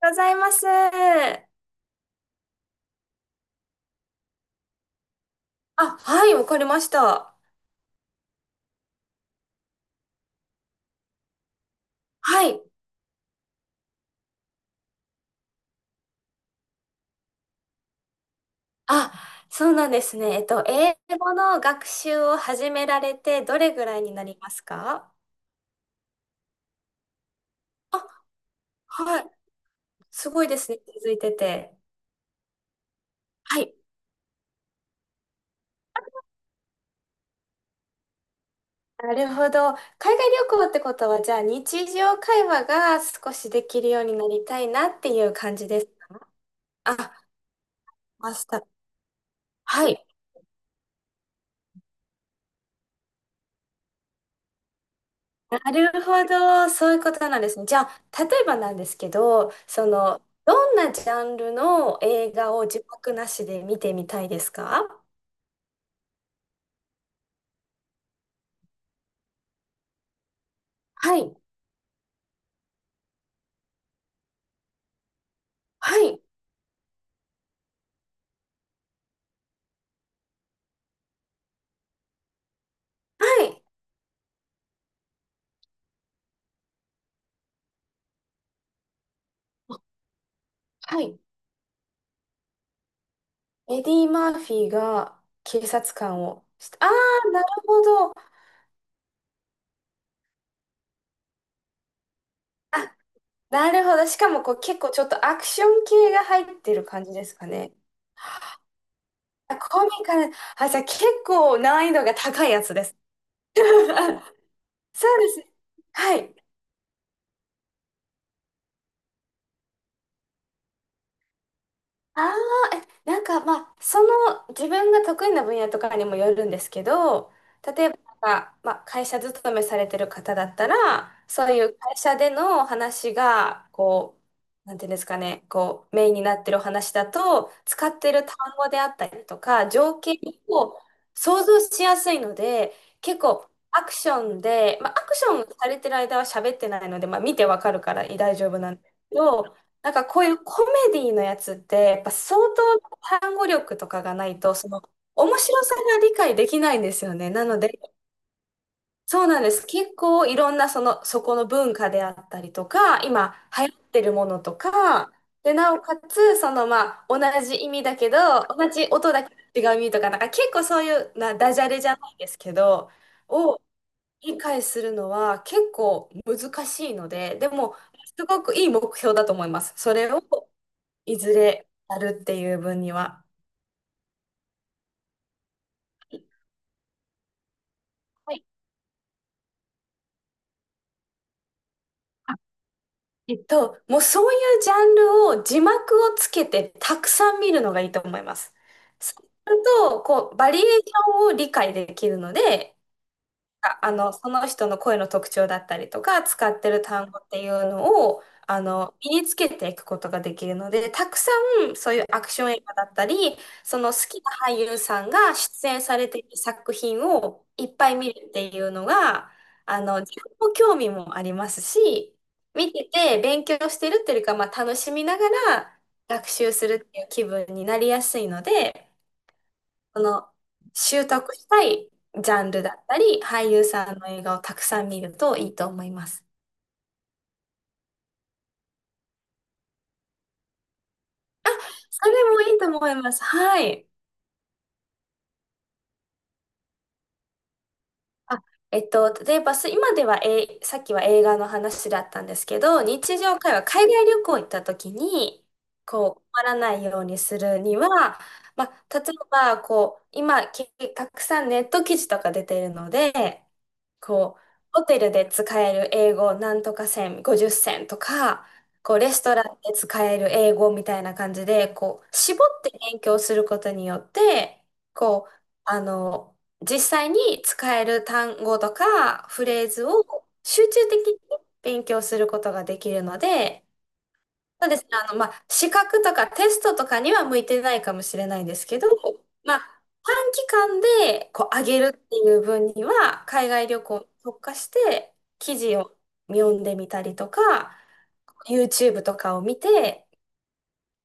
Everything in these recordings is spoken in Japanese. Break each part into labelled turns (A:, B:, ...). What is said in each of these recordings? A: ございます。はい、わかりました。はい。あ、そうなんですね。英語の学習を始められて、どれぐらいになりますか？あ、はい。すごいですね、続いてて。はい。なるほど。海外旅行ってことは、じゃあ日常会話が少しできるようになりたいなっていう感じです。あ、マスター。はい。なるほど、そういうことなんですね。じゃあ、例えばなんですけど、その、どんなジャンルの映画を字幕なしで見てみたいですか？はい、はい、はい、はい。エディ・マーフィーが警察官をして、ああ、なるほど。あ、なるほど。しかもこう、結構ちょっとアクション系が入ってる感じですかね。あ、コミカル。あ、じゃあ結構難易度が高いやつです。そうです。はい。ああ、え、なんかまあ、その自分が得意な分野とかにもよるんですけど、例えばなんか、まあ、会社勤めされてる方だったら、そういう会社での話が、こう、なんていうんですかね、こう、メインになってるお話だと、使ってる単語であったりとか、情景を想像しやすいので、結構、アクションで、まあ、アクションされてる間は喋ってないので、まあ、見てわかるから大丈夫なんですけど、なんかこういうコメディのやつって、やっぱ相当単語力とかがないと、その面白さが理解できないんですよね。なので、そうなんです。結構いろんなその、そこの文化であったりとか、今流行ってるものとか、で、なおかつ、そのまあ、同じ意味だけど、同じ音だけど違う意味とか、なんか結構そういうな、ダジャレじゃないですけど、を理解するのは結構難しいので、でも、すごくいい目標だと思います、それをいずれやるっていう分には。はい。えっと、もうそういうジャンルを字幕をつけてたくさん見るのがいいと思います。そうすると、こう、バリエーションを理解できるので、ああの、その人の声の特徴だったりとか、使ってる単語っていうのを、あの、身につけていくことができるので、たくさんそういうアクション映画だったり、その好きな俳優さんが出演されている作品をいっぱい見るっていうのが、あの、自分の興味もありますし、見てて勉強してるっていうか、まあ、楽しみながら学習するっていう気分になりやすいので、その、習得したいジャンルだったり、俳優さんの映画をたくさん見るといいと思います。それもいいと思います。はい。あえっと、例えばす今では、さっきは映画の話だったんですけど、日常会話、海外旅行行った時に、こう、困らないようにするには、まあ、例えば、こう、今、けたくさんネット記事とか出ているので、こう、ホテルで使える英語なんとか線、50線とか、こう、レストランで使える英語みたいな感じで、こう、絞って勉強することによって、こう、あの、実際に使える単語とかフレーズを集中的に勉強することができるので、そうですね、あの、まあ、資格とかテストとかには向いてないかもしれないんですけど、まあ、短期間でこう上げるっていう分には、海外旅行に特化して記事を読んでみたりとか、YouTube とかを見て、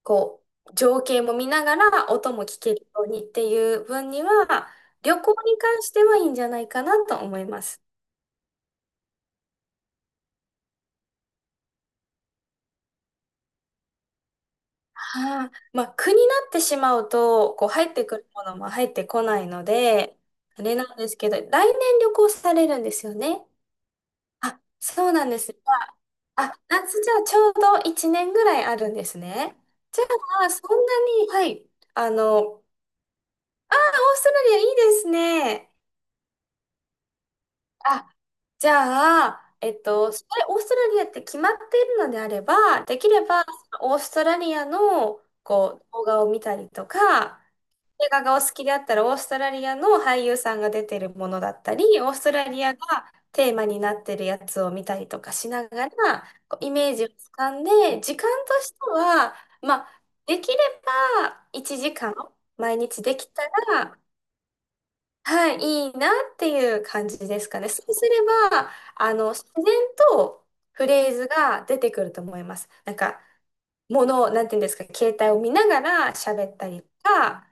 A: こう、情景も見ながら音も聞けるようにっていう分には、旅行に関してはいいんじゃないかなと思います。はあ、まあ、苦になってしまうと、こう、入ってくるものも入ってこないので、あれなんですけど、来年旅行されるんですよね。あ、そうなんです。じゃあ、あ夏じゃあちょうど1年ぐらいあるんですね。じゃあ、そんなに、はい、あの、オーストラリアいいですね。あ、じゃあ、えっと、それオーストラリアって決まっているのであれば、できればオーストラリアのこう動画を見たりとか、映画がお好きであったらオーストラリアの俳優さんが出てるものだったり、オーストラリアがテーマになってるやつを見たりとかしながら、こうイメージをつかんで、時間としては、まあ、できれば1時間毎日できたらはい、いいなっていう感じですかね。そうすれば、あの、自然とフレーズが出てくると思います。なんか、ものを、なんていうんですか、携帯を見ながら喋ったりとか、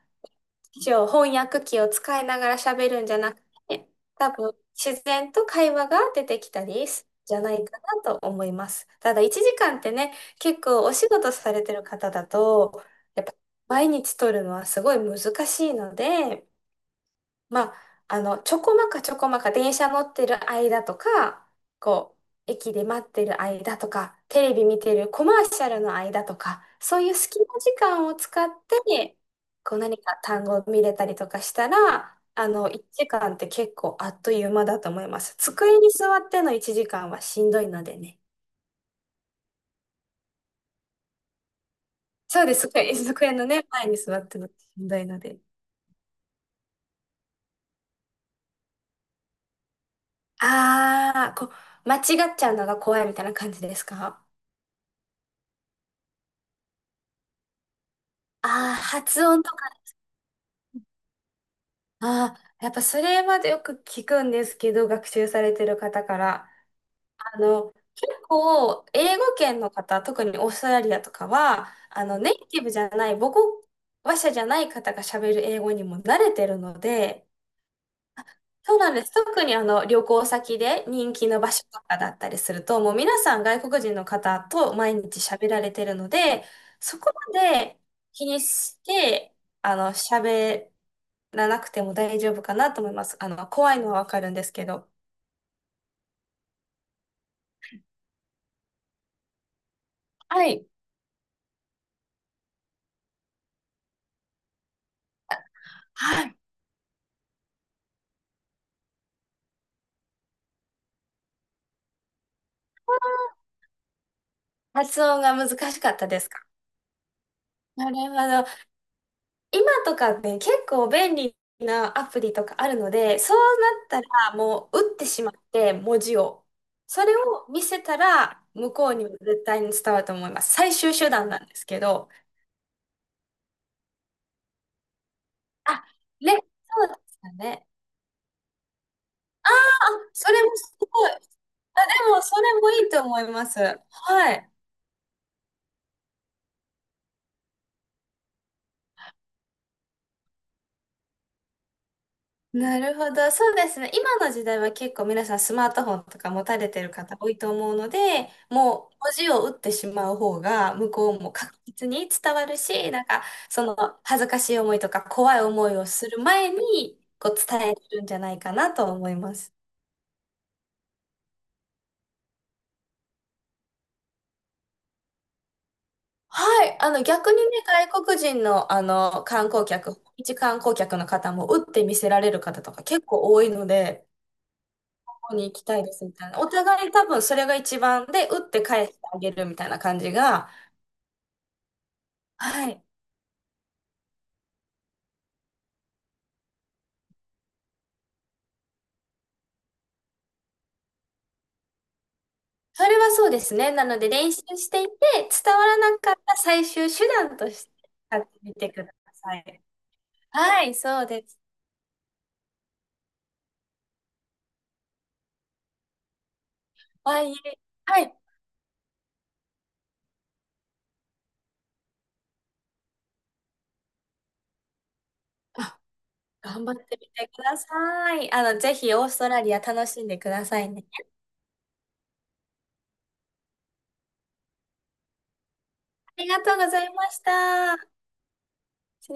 A: 一応翻訳機を使いながら喋るんじゃなくて、多分、自然と会話が出てきたりするんじゃないかなと思います。ただ、1時間ってね、結構お仕事されてる方だと、やっぱ、毎日取るのはすごい難しいので、まあ、あの、ちょこまかちょこまか電車乗ってる間とか、こう、駅で待ってる間とか、テレビ見てるコマーシャルの間とか、そういう隙間時間を使って、こう何か単語を見れたりとかしたら、あの、1時間って結構あっという間だと思います。机に座っての1時間はしんどいのでね。そうです。机のね、前に座ってのしんどいので。あー、こう、間違っちゃうのが怖いみたいな感じですか？ああー、発音と、ああ、やっぱそれまでよく聞くんですけど、学習されてる方から。あの、結構、英語圏の方、特にオーストラリアとかは、あの、ネイティブじゃない、母語話者じゃない方が喋る英語にも慣れてるので、そうなんです。特にあの旅行先で人気の場所とかだったりすると、もう皆さん外国人の方と毎日喋られてるので、そこまで気にして、あの、喋らなくても大丈夫かなと思います。あの、怖いのはわかるんですけど。はい。はい。発音が難しかったですか？なるほど。今とかね、結構便利なアプリとかあるので、そうなったらもう打ってしまって、文字を。それを見せたら、向こうにも絶対に伝わると思います。最終手段なんですけど。あ、ね、そうですよね。あ、それもすごい。あ、でも、それもいいと思います。はい。なるほど。そうですね。今の時代は結構皆さんスマートフォンとか持たれてる方多いと思うので、もう文字を打ってしまう方が向こうも確実に伝わるし、なんかその恥ずかしい思いとか怖い思いをする前にこう伝えるんじゃないかなと思います。はい。あの逆にね、外国人のあの観光客、一観光客の方も打って見せられる方とか結構多いので、ここに行きたいですみたいな。お互い多分それが一番で、打って返してあげるみたいな感じが、はい。それはそうですね。なので練習していて、伝わらなかった最終手段として使ってみてください。はい、そうです。はいえ、はい。頑張ってみてください。あの、ぜひオーストラリア楽しんでくださいね。ありがとうございました。